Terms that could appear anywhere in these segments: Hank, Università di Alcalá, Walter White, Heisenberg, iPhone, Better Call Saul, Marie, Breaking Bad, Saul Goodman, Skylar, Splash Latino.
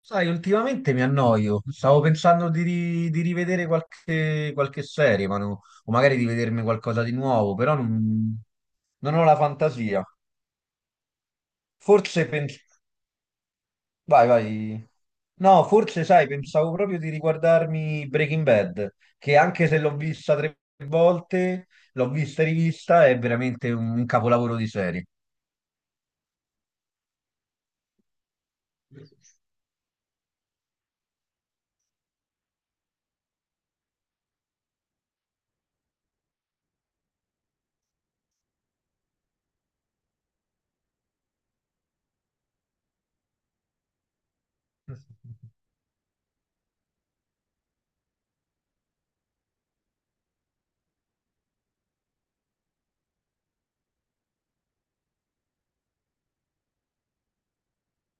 Sai, ultimamente mi annoio. Stavo pensando di rivedere qualche serie, o magari di vedermi qualcosa di nuovo, però non ho la fantasia. Forse penso... Vai, vai. No, forse, sai, pensavo proprio di riguardarmi Breaking Bad, che anche se l'ho vista 3 volte, l'ho vista e rivista, è veramente un capolavoro di serie.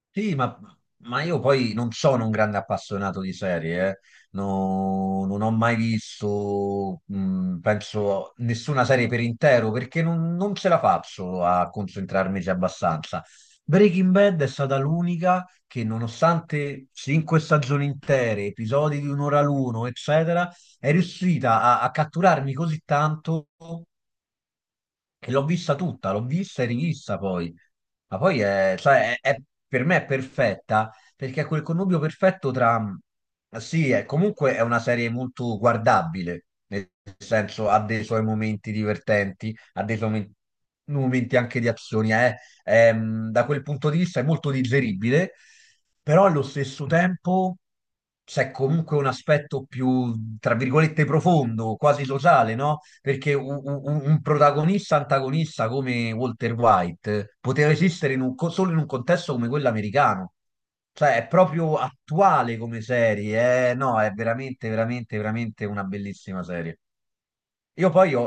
Sì, ma io poi non sono un grande appassionato di serie, eh. Non ho mai visto, penso, nessuna serie per intero perché non ce la faccio a concentrarmici abbastanza. Breaking Bad è stata l'unica che, nonostante 5 stagioni intere, episodi di un'ora l'uno, eccetera, è riuscita a catturarmi così tanto che l'ho vista tutta, l'ho vista e rivista poi. Ma poi sai, per me è perfetta perché è quel connubio perfetto tra... Sì, comunque è una serie molto guardabile, nel senso ha dei suoi momenti divertenti, ha dei suoi momenti anche di azioni, è da quel punto di vista è molto digeribile, però allo stesso tempo c'è comunque un aspetto più, tra virgolette, profondo, quasi sociale, no? Perché un protagonista antagonista come Walter White poteva esistere solo in un contesto come quello americano. Cioè, è proprio attuale come serie, eh? No, è veramente, veramente, veramente una bellissima serie. Io poi ho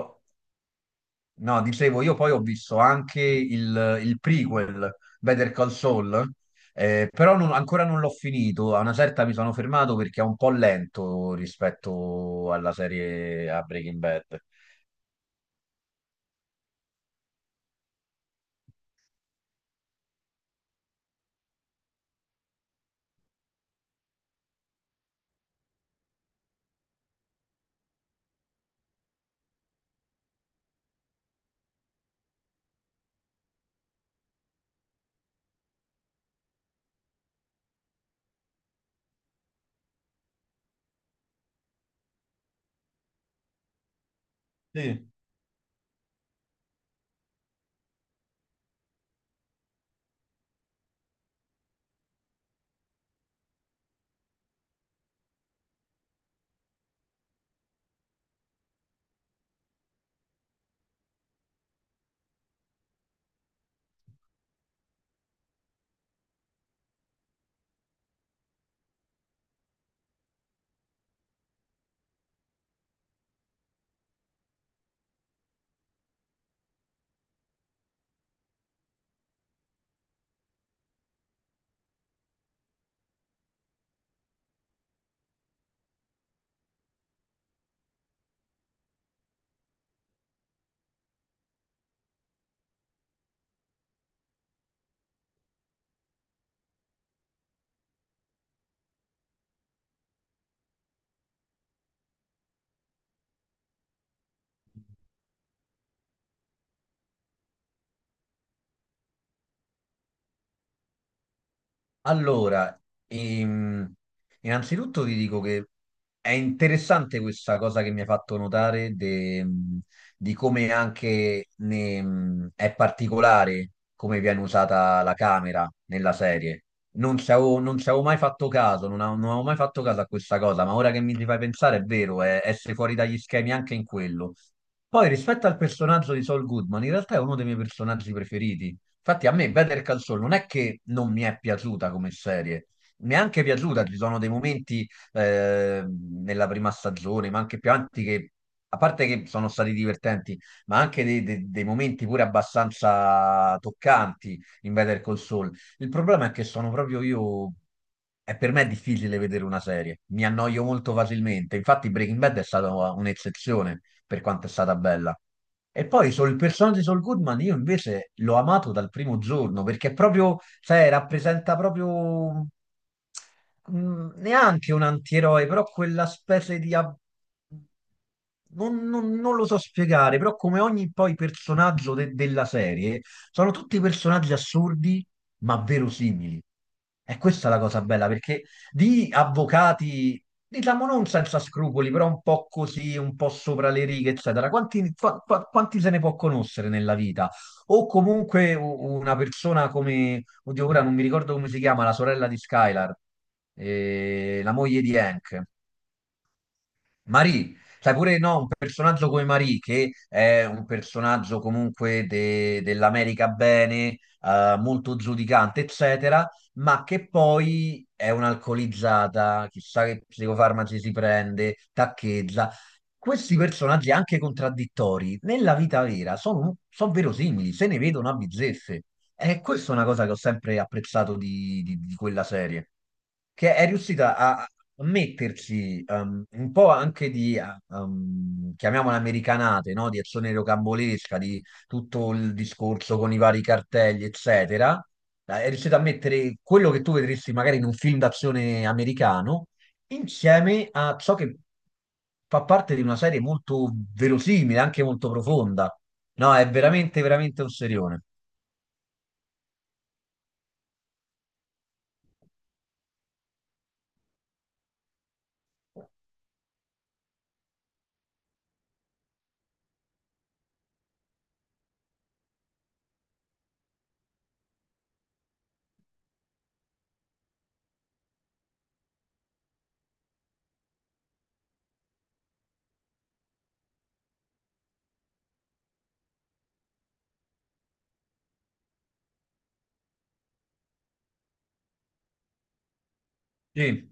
No, dicevo, io poi ho visto anche il prequel, Better Call Saul, però ancora non l'ho finito. A una certa mi sono fermato perché è un po' lento rispetto alla serie a Breaking Bad. Sì. Allora, ehm, innanzitutto ti dico che è interessante questa cosa che mi hai fatto notare di come anche è particolare come viene usata la camera nella serie. Non ci avevo mai fatto caso, non avevo mai fatto caso a questa cosa, ma ora che mi ci fai pensare è vero, è essere fuori dagli schemi anche in quello. Poi rispetto al personaggio di Saul Goodman, in realtà è uno dei miei personaggi preferiti. Infatti a me Better Call Saul non è che non mi è piaciuta come serie, mi è anche piaciuta, ci sono dei momenti nella prima stagione, ma anche più avanti che, a parte che sono stati divertenti, ma anche dei momenti pure abbastanza toccanti in Better Call Saul. Il problema è che sono proprio io, è per me è difficile vedere una serie, mi annoio molto facilmente, infatti Breaking Bad è stata un'eccezione per quanto è stata bella. E poi sul il personaggio di Saul Goodman io invece l'ho amato dal primo giorno perché è proprio, sai, rappresenta proprio neanche un antieroe, però quella specie di... ab- non lo so spiegare, però come ogni poi personaggio della serie, sono tutti personaggi assurdi ma verosimili. E questa è la cosa bella, perché di avvocati diciamo non senza scrupoli, però un po' così, un po' sopra le righe, eccetera. Quanti se ne può conoscere nella vita? O comunque una persona come, oddio, ora non mi ricordo come si chiama, la sorella di Skylar, la moglie di Hank. Marie, sai pure no, un personaggio come Marie, che è un personaggio comunque dell'America bene, molto giudicante, eccetera, ma che poi è un'alcolizzata, chissà che psicofarmaci si prende, taccheggia. Questi personaggi anche contraddittori, nella vita vera, sono, sono verosimili, se ne vedono a bizzeffe. E questa è una cosa che ho sempre apprezzato di, di quella serie, che è riuscita a metterci un po' anche di, chiamiamola americanate, no? Di azione rocambolesca, di tutto il discorso con i vari cartelli, eccetera. È riuscita a mettere quello che tu vedresti magari in un film d'azione americano insieme a ciò che fa parte di una serie molto verosimile, anche molto profonda. No, è veramente, veramente un serione. Sì.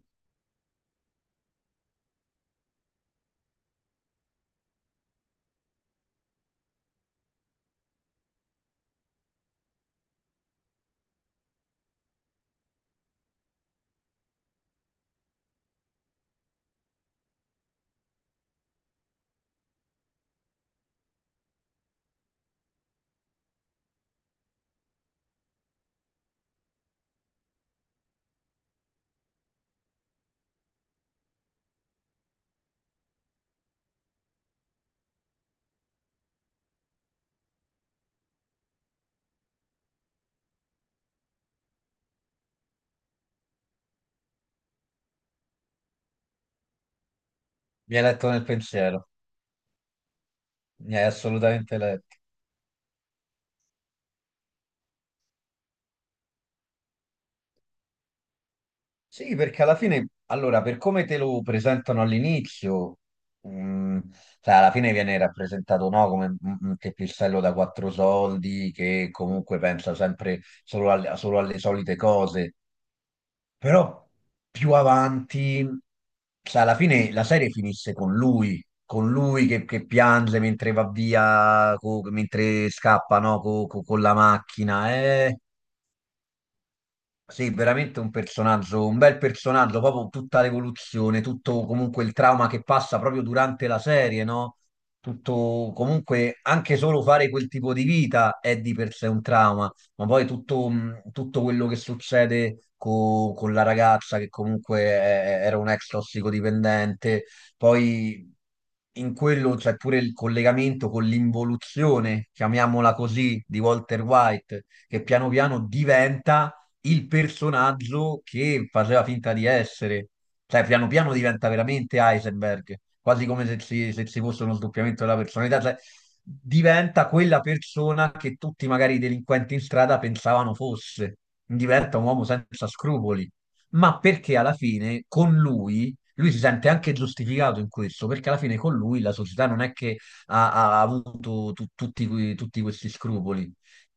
Mi hai letto nel pensiero, mi hai assolutamente letto. Sì, perché alla fine, allora, per come te lo presentano all'inizio, mh, cioè, alla fine viene rappresentato no, come un teppistello da quattro soldi che comunque pensa sempre solo alle solite cose, però più avanti, cioè, alla fine la serie finisse con lui che piange mentre va via, mentre scappa no, con la macchina, eh. Sì, veramente un personaggio, un bel personaggio, proprio tutta l'evoluzione, tutto comunque il trauma che passa proprio durante la serie, no? Tutto comunque anche solo fare quel tipo di vita è di per sé un trauma, ma poi tutto, tutto quello che succede con la ragazza che comunque era un ex tossicodipendente, poi in quello c'è pure il collegamento con l'involuzione, chiamiamola così, di Walter White, che piano piano diventa il personaggio che faceva finta di essere. Cioè, piano piano diventa veramente Heisenberg, quasi come se ci fosse uno sdoppiamento della personalità. Cioè, diventa quella persona che tutti magari i delinquenti in strada pensavano fosse. Diventa un uomo senza scrupoli. Ma perché alla fine con lui, lui si sente anche giustificato in questo, perché alla fine con lui la società non è che ha avuto tutti questi scrupoli.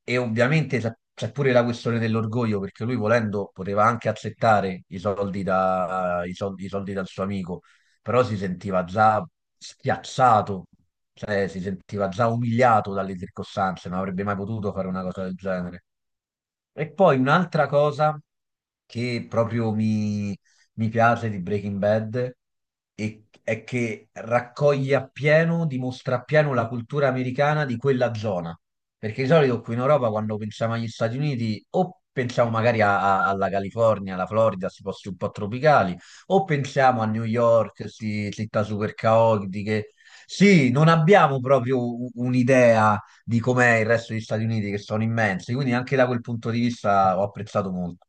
E ovviamente c'è pure la questione dell'orgoglio, perché lui volendo poteva anche accettare i soldi, da- i soldi dal suo amico, però si sentiva già schiacciato, cioè si sentiva già umiliato dalle circostanze, non avrebbe mai potuto fare una cosa del genere. E poi un'altra cosa che proprio mi, mi piace di Breaking Bad è che raccoglie appieno, dimostra appieno la cultura americana di quella zona. Perché di solito qui in Europa, quando pensiamo agli Stati Uniti, o pensiamo magari alla California, alla Florida, questi posti un po' tropicali, o pensiamo a New York, queste città super caotiche. Sì, non abbiamo proprio un'idea di com'è il resto degli Stati Uniti, che sono immensi, quindi anche da quel punto di vista ho apprezzato molto.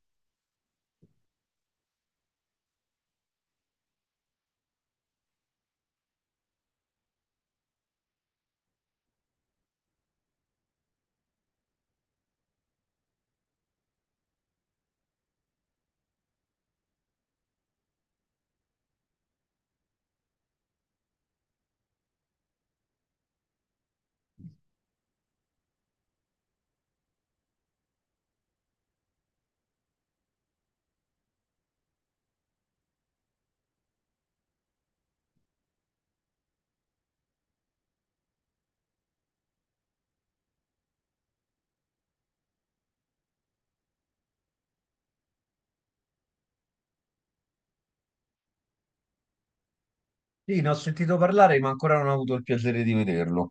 Sì, ne ho sentito parlare, ma ancora non ho avuto il piacere di vederlo.